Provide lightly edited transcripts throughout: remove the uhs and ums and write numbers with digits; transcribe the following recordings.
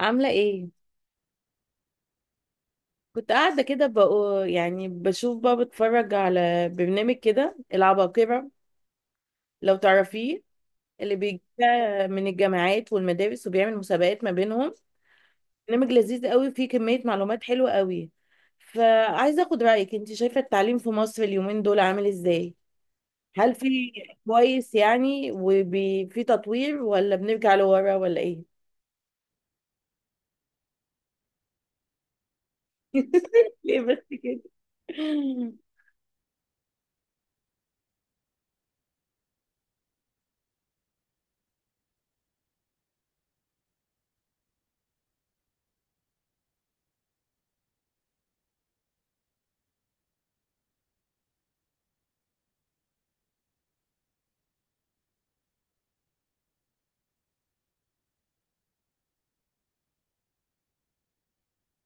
عاملة ايه؟ كنت قاعدة كده بقو يعني بشوف بقى بتفرج على برنامج كده العباقرة، لو تعرفيه، اللي بيجي من الجامعات والمدارس وبيعمل مسابقات ما بينهم. برنامج لذيذ قوي فيه كمية معلومات حلوة قوي. فعايزة اخد رأيك، انت شايفة التعليم في مصر اليومين دول عامل ازاي؟ هل في كويس يعني وفي تطوير ولا بنرجع لورا ولا ايه؟ ليه بس كده؟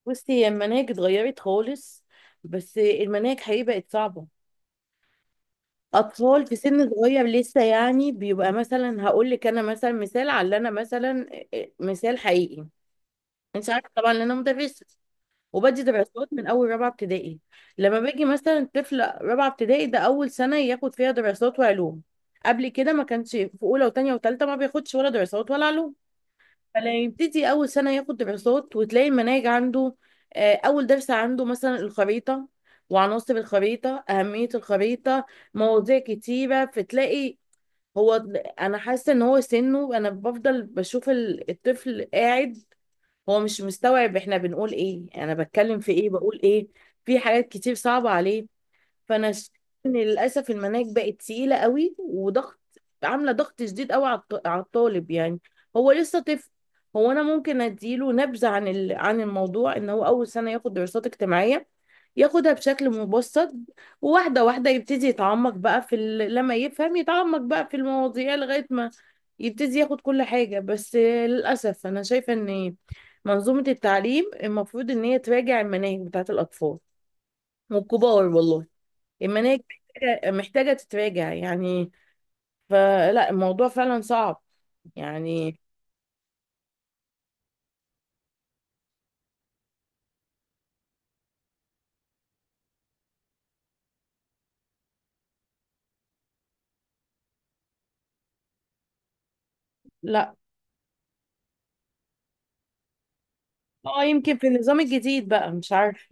بصي، هي المناهج اتغيرت خالص، بس المناهج حقيقي بقت صعبة. أطفال في سن صغير لسه، يعني بيبقى مثلا، هقول لك أنا مثلا، مثال على اللي أنا مثلا، مثال حقيقي. أنت عارفة طبعا إن أنا مدرسة وبدي دراسات من أول رابعة ابتدائي. لما باجي مثلا طفل رابعة ابتدائي، ده أول سنة ياخد فيها دراسات وعلوم. قبل كده ما كانش في أولى وتانية وتالتة، ما بياخدش ولا دراسات ولا علوم. فلا يبتدي اول سنه ياخد دراسات وتلاقي المناهج عنده. اول درس عنده مثلا الخريطه وعناصر الخريطه اهميه الخريطه، مواضيع كتيره، فتلاقي هو، انا حاسه ان هو سنه انا بفضل بشوف الطفل قاعد، هو مش مستوعب احنا بنقول ايه، انا بتكلم في ايه بقول ايه، في حاجات كتير صعبه عليه. فانا شايفة ان للاسف المناهج بقت تقيله قوي وضغط، عامله ضغط شديد قوي على على الطالب يعني، هو لسه طفل. هو انا ممكن اديله نبذه عن عن الموضوع ان هو اول سنه ياخد دراسات اجتماعيه، ياخدها بشكل مبسط، وواحده واحده يبتدي يتعمق بقى في لما يفهم يتعمق بقى في المواضيع لغايه ما يبتدي ياخد كل حاجه. بس للاسف انا شايفه ان منظومه التعليم المفروض ان هي تراجع المناهج بتاعت الاطفال والكبار، والله المناهج محتاجة تتراجع يعني، فلا الموضوع فعلا صعب يعني. لا، اه، يمكن في النظام الجديد بقى، مش عارفة.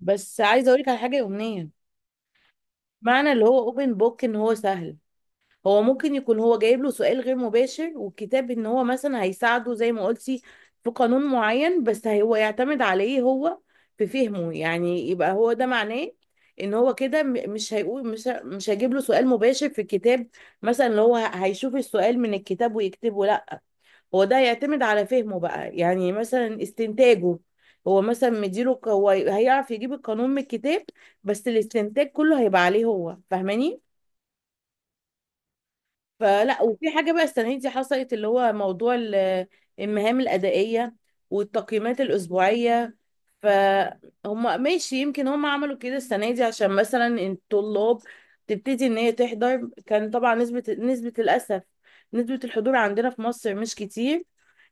بس عايزة اقولك على حاجة يومية، معنى اللي هو اوبن بوك ان هو سهل، هو ممكن يكون هو جايب له سؤال غير مباشر، والكتاب ان هو مثلا هيساعده زي ما قلتي في قانون معين، بس هو يعتمد عليه هو في فهمه، يعني يبقى هو ده معناه، ان هو كده مش هيقول، مش مش هجيب له سؤال مباشر في الكتاب، مثلا اللي هو هيشوف السؤال من الكتاب ويكتبه، لا، هو ده هيعتمد على فهمه بقى، يعني مثلا استنتاجه، هو مثلا مديله هو هيعرف يجيب القانون من الكتاب، بس الاستنتاج كله هيبقى عليه هو، فاهماني؟ فلا، وفي حاجة بقى السنة دي حصلت اللي هو موضوع المهام الأدائية والتقييمات الأسبوعية. فهم ماشي، يمكن هم عملوا كده السنة دي عشان مثلا الطلاب تبتدي إن هي تحضر، كان طبعا نسبة للأسف نسبة الحضور عندنا في مصر مش كتير.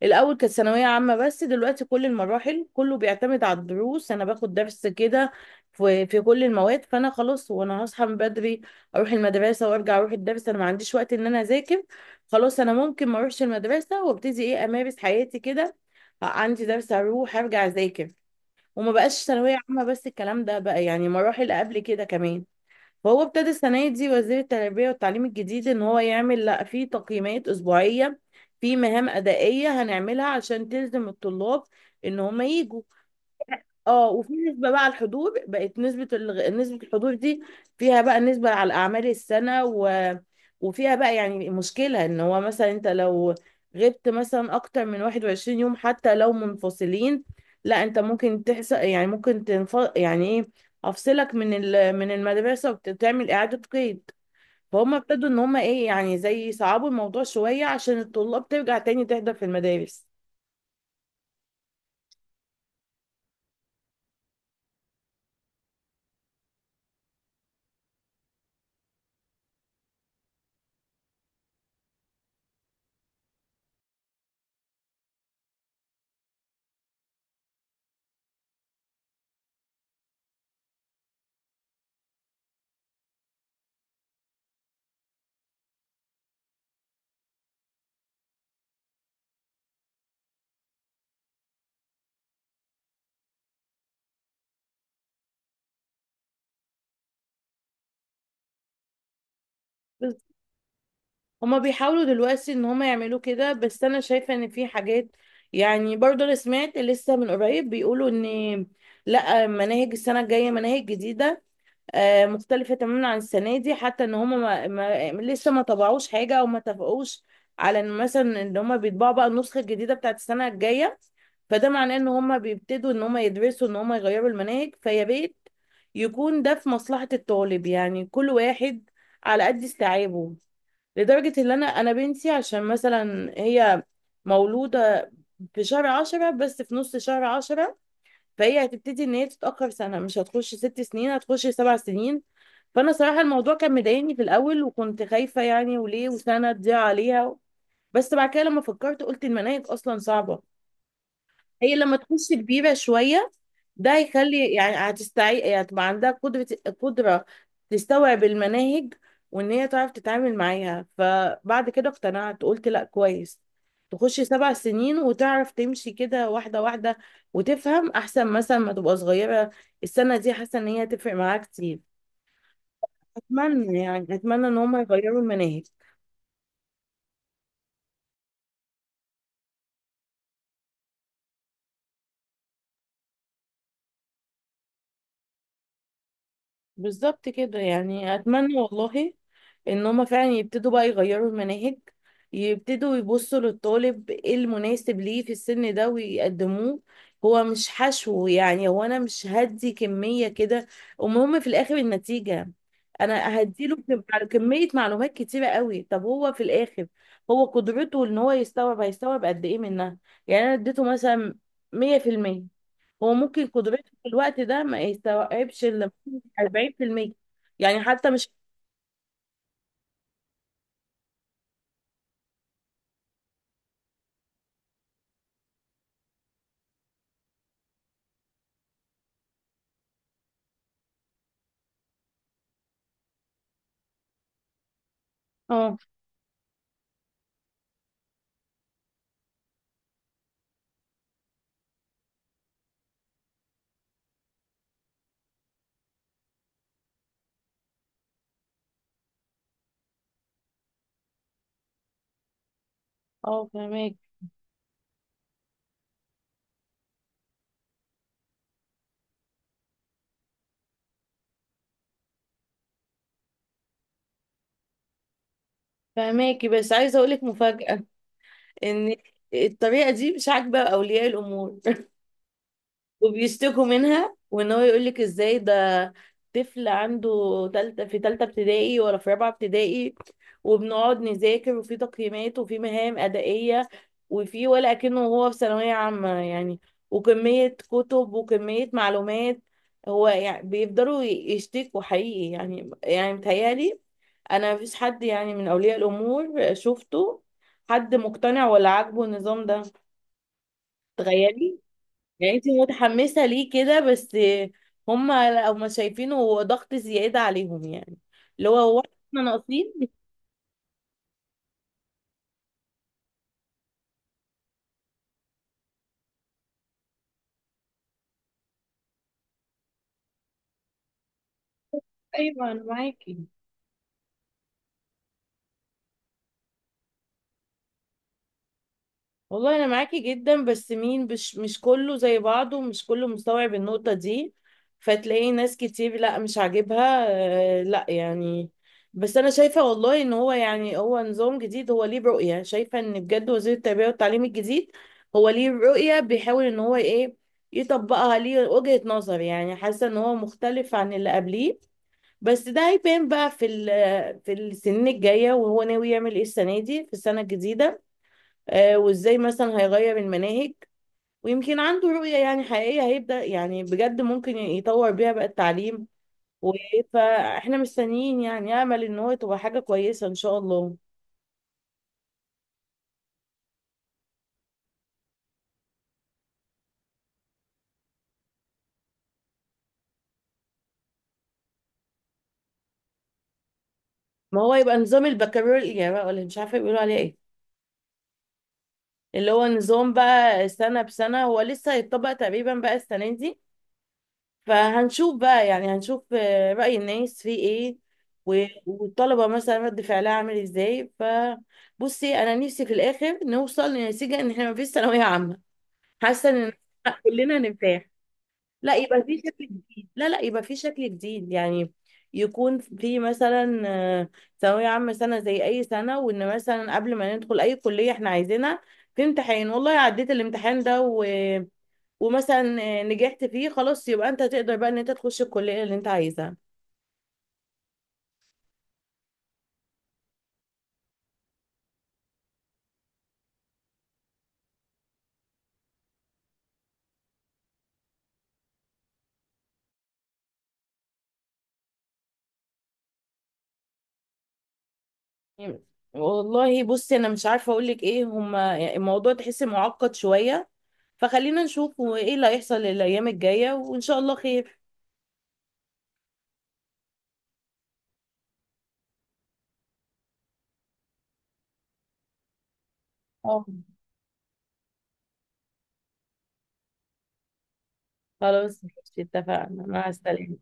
الأول كانت ثانوية عامة بس دلوقتي كل المراحل، كله بيعتمد على الدروس. أنا باخد درس كده في كل المواد، فأنا خلاص وأنا هصحى من بدري اروح المدرسه وارجع اروح الدرس، انا ما عنديش وقت ان انا اذاكر، خلاص انا ممكن ما اروحش المدرسه وابتدي ايه امارس حياتي كده، عندي درس اروح ارجع اذاكر. وما بقاش ثانويه عامه بس، الكلام ده بقى يعني مراحل قبل كده كمان. فهو ابتدى السنه دي وزير التربيه والتعليم الجديد ان هو يعمل، لا، في تقييمات اسبوعيه، في مهام ادائيه هنعملها عشان تلزم الطلاب ان هم يجوا. اه، وفي نسبة بقى على الحضور، بقت نسبة الحضور دي فيها بقى نسبة على أعمال السنة وفيها بقى يعني مشكلة، ان هو مثلا انت لو غبت مثلا اكتر من 21 يوم حتى لو منفصلين، لا انت ممكن تحصل، يعني ممكن يعني ايه، افصلك من من المدرسة وتعمل اعادة قيد. فهم ابتدوا ان هم ايه، يعني زي يصعبوا الموضوع شوية عشان الطلاب ترجع تاني تحضر في المدارس. هما بيحاولوا دلوقتي ان هما يعملوا كده، بس انا شايفة ان في حاجات، يعني برضه انا سمعت لسه من قريب بيقولوا ان لا، مناهج السنة الجاية مناهج جديدة، مختلفة تماما عن السنة دي، حتى ان هم ما لسه ما طبعوش حاجة او ما اتفقوش على ان مثلا ان هم بيطبعوا بقى النسخة الجديدة بتاعت السنة الجاية. فده معناه ان هم بيبتدوا ان هم يدرسوا ان هم يغيروا المناهج، فيا ريت يكون ده في مصلحة الطالب، يعني كل واحد على قد استيعابه. لدرجة ان انا بنتي عشان مثلا هي مولودة في شهر 10، بس في نص شهر 10، فهي هتبتدي ان هي تتاخر سنه، مش هتخش 6 سنين، هتخش 7 سنين. فانا صراحه الموضوع كان مضايقني في الاول، وكنت خايفه يعني، وليه؟ وسنه تضيع عليها. بس بعد كده لما فكرت قلت المناهج اصلا صعبه، هي لما تخش كبيرة شوية ده هيخلي، يعني هتستعي، يعني هتبقى عندها قدرة تستوعب المناهج وان هي تعرف تتعامل معاها. فبعد كده اقتنعت قلت لا كويس، تخش 7 سنين وتعرف تمشي كده واحدة واحدة، وتفهم احسن مثلا ما تبقى صغيرة. السنة دي حاسة ان هي تفرق معاها كتير. اتمنى يعني اتمنى ان هم يغيروا المناهج. بالظبط كده، يعني اتمنى والله ان هما فعلا يبتدوا بقى يغيروا المناهج، يبتدوا يبصوا للطالب ايه المناسب ليه في السن ده ويقدموه، هو مش حشو. يعني هو انا مش هدي كمية كده، المهم في الاخر النتيجة، انا هديله على كمية معلومات كتيرة قوي، طب هو في الاخر هو قدرته ان هو يستوعب هيستوعب قد ايه منها؟ يعني انا اديته مثلا 100%، هو ممكن قدرته في الوقت ده ما يستوعبش الا 40%، يعني حتى مش. اه، اه، فهماك. فهماكي، بس عايزه اقول لك مفاجاه، ان الطريقه دي مش عاجبه اولياء الامور وبيشتكوا منها. وان هو يقولك ازاي ده طفل عنده تالتة في تالتة ابتدائي ولا في رابعة ابتدائي وبنقعد نذاكر وفي تقييمات وفي مهام أدائية، وفي ولا أكنه هو في ثانوية عامة يعني، وكمية كتب وكمية معلومات. هو يعني بيفضلوا يشتكوا حقيقي، يعني متهيألي أنا مفيش حد، يعني من أولياء الأمور شفته حد مقتنع ولا عاجبه النظام ده، تخيلي. يعني انت متحمسة ليه كده بس؟ هما لو ما شايفينه هو ضغط زيادة عليهم يعني، اللي هو احنا ناقصين. ايوه، انا معاكي. والله انا معاكي جدا بس مين، مش كله زي بعضه ومش كله مستوعب النقطة دي، فتلاقي ناس كتير لا مش عاجبها. لا يعني. بس انا شايفة والله ان هو، يعني هو نظام جديد، هو ليه رؤية. شايفة ان بجد وزير التربية والتعليم الجديد هو ليه رؤية بيحاول ان هو ايه يطبقها، ليه وجهة نظر، يعني حاسة ان هو مختلف عن اللي قبليه. بس ده هيبان بقى في في السنين الجاية، وهو ناوي يعمل ايه السنة دي في السنة الجديدة، وازاي مثلا هيغير المناهج، ويمكن عنده رؤية يعني حقيقية هيبدأ، يعني بجد ممكن يطور بيها بقى التعليم. و- فاحنا مستنيين يعني، امل ان هو تبقى حاجة كويسة ان شاء الله. ما هو يبقى نظام البكالوريا بقى، ولا مش عارفة بيقولوا عليه ايه، اللي هو نظام بقى سنة بسنة. هو لسه هيتطبق تقريبا بقى السنة دي، فهنشوف بقى، يعني هنشوف رأي الناس فيه ايه، والطلبة مثلا رد فعلها عامل ازاي. فبصي انا نفسي في الاخر نوصل لنتيجة ان احنا ما فيش ثانوية عامة، حاسة ان كلنا نرتاح. لا يبقى في شكل جديد، لا، لا يبقى في شكل جديد يعني، يكون في مثلا ثانوية عامة سنة زي أي سنة، وإن مثلا قبل ما ندخل أي كلية إحنا عايزينها في امتحان، والله عديت الامتحان ده ومثلا نجحت فيه، خلاص يبقى انت تقدر بقى ان انت تخش الكلية اللي انت عايزها. والله بصي انا مش عارفة اقولك ايه، هما الموضوع تحس معقد شوية، فخلينا نشوف هو ايه اللي هيحصل الايام الجاية وان شاء الله خير. اه، خلاص ماشي، اتفقنا، مع السلامة.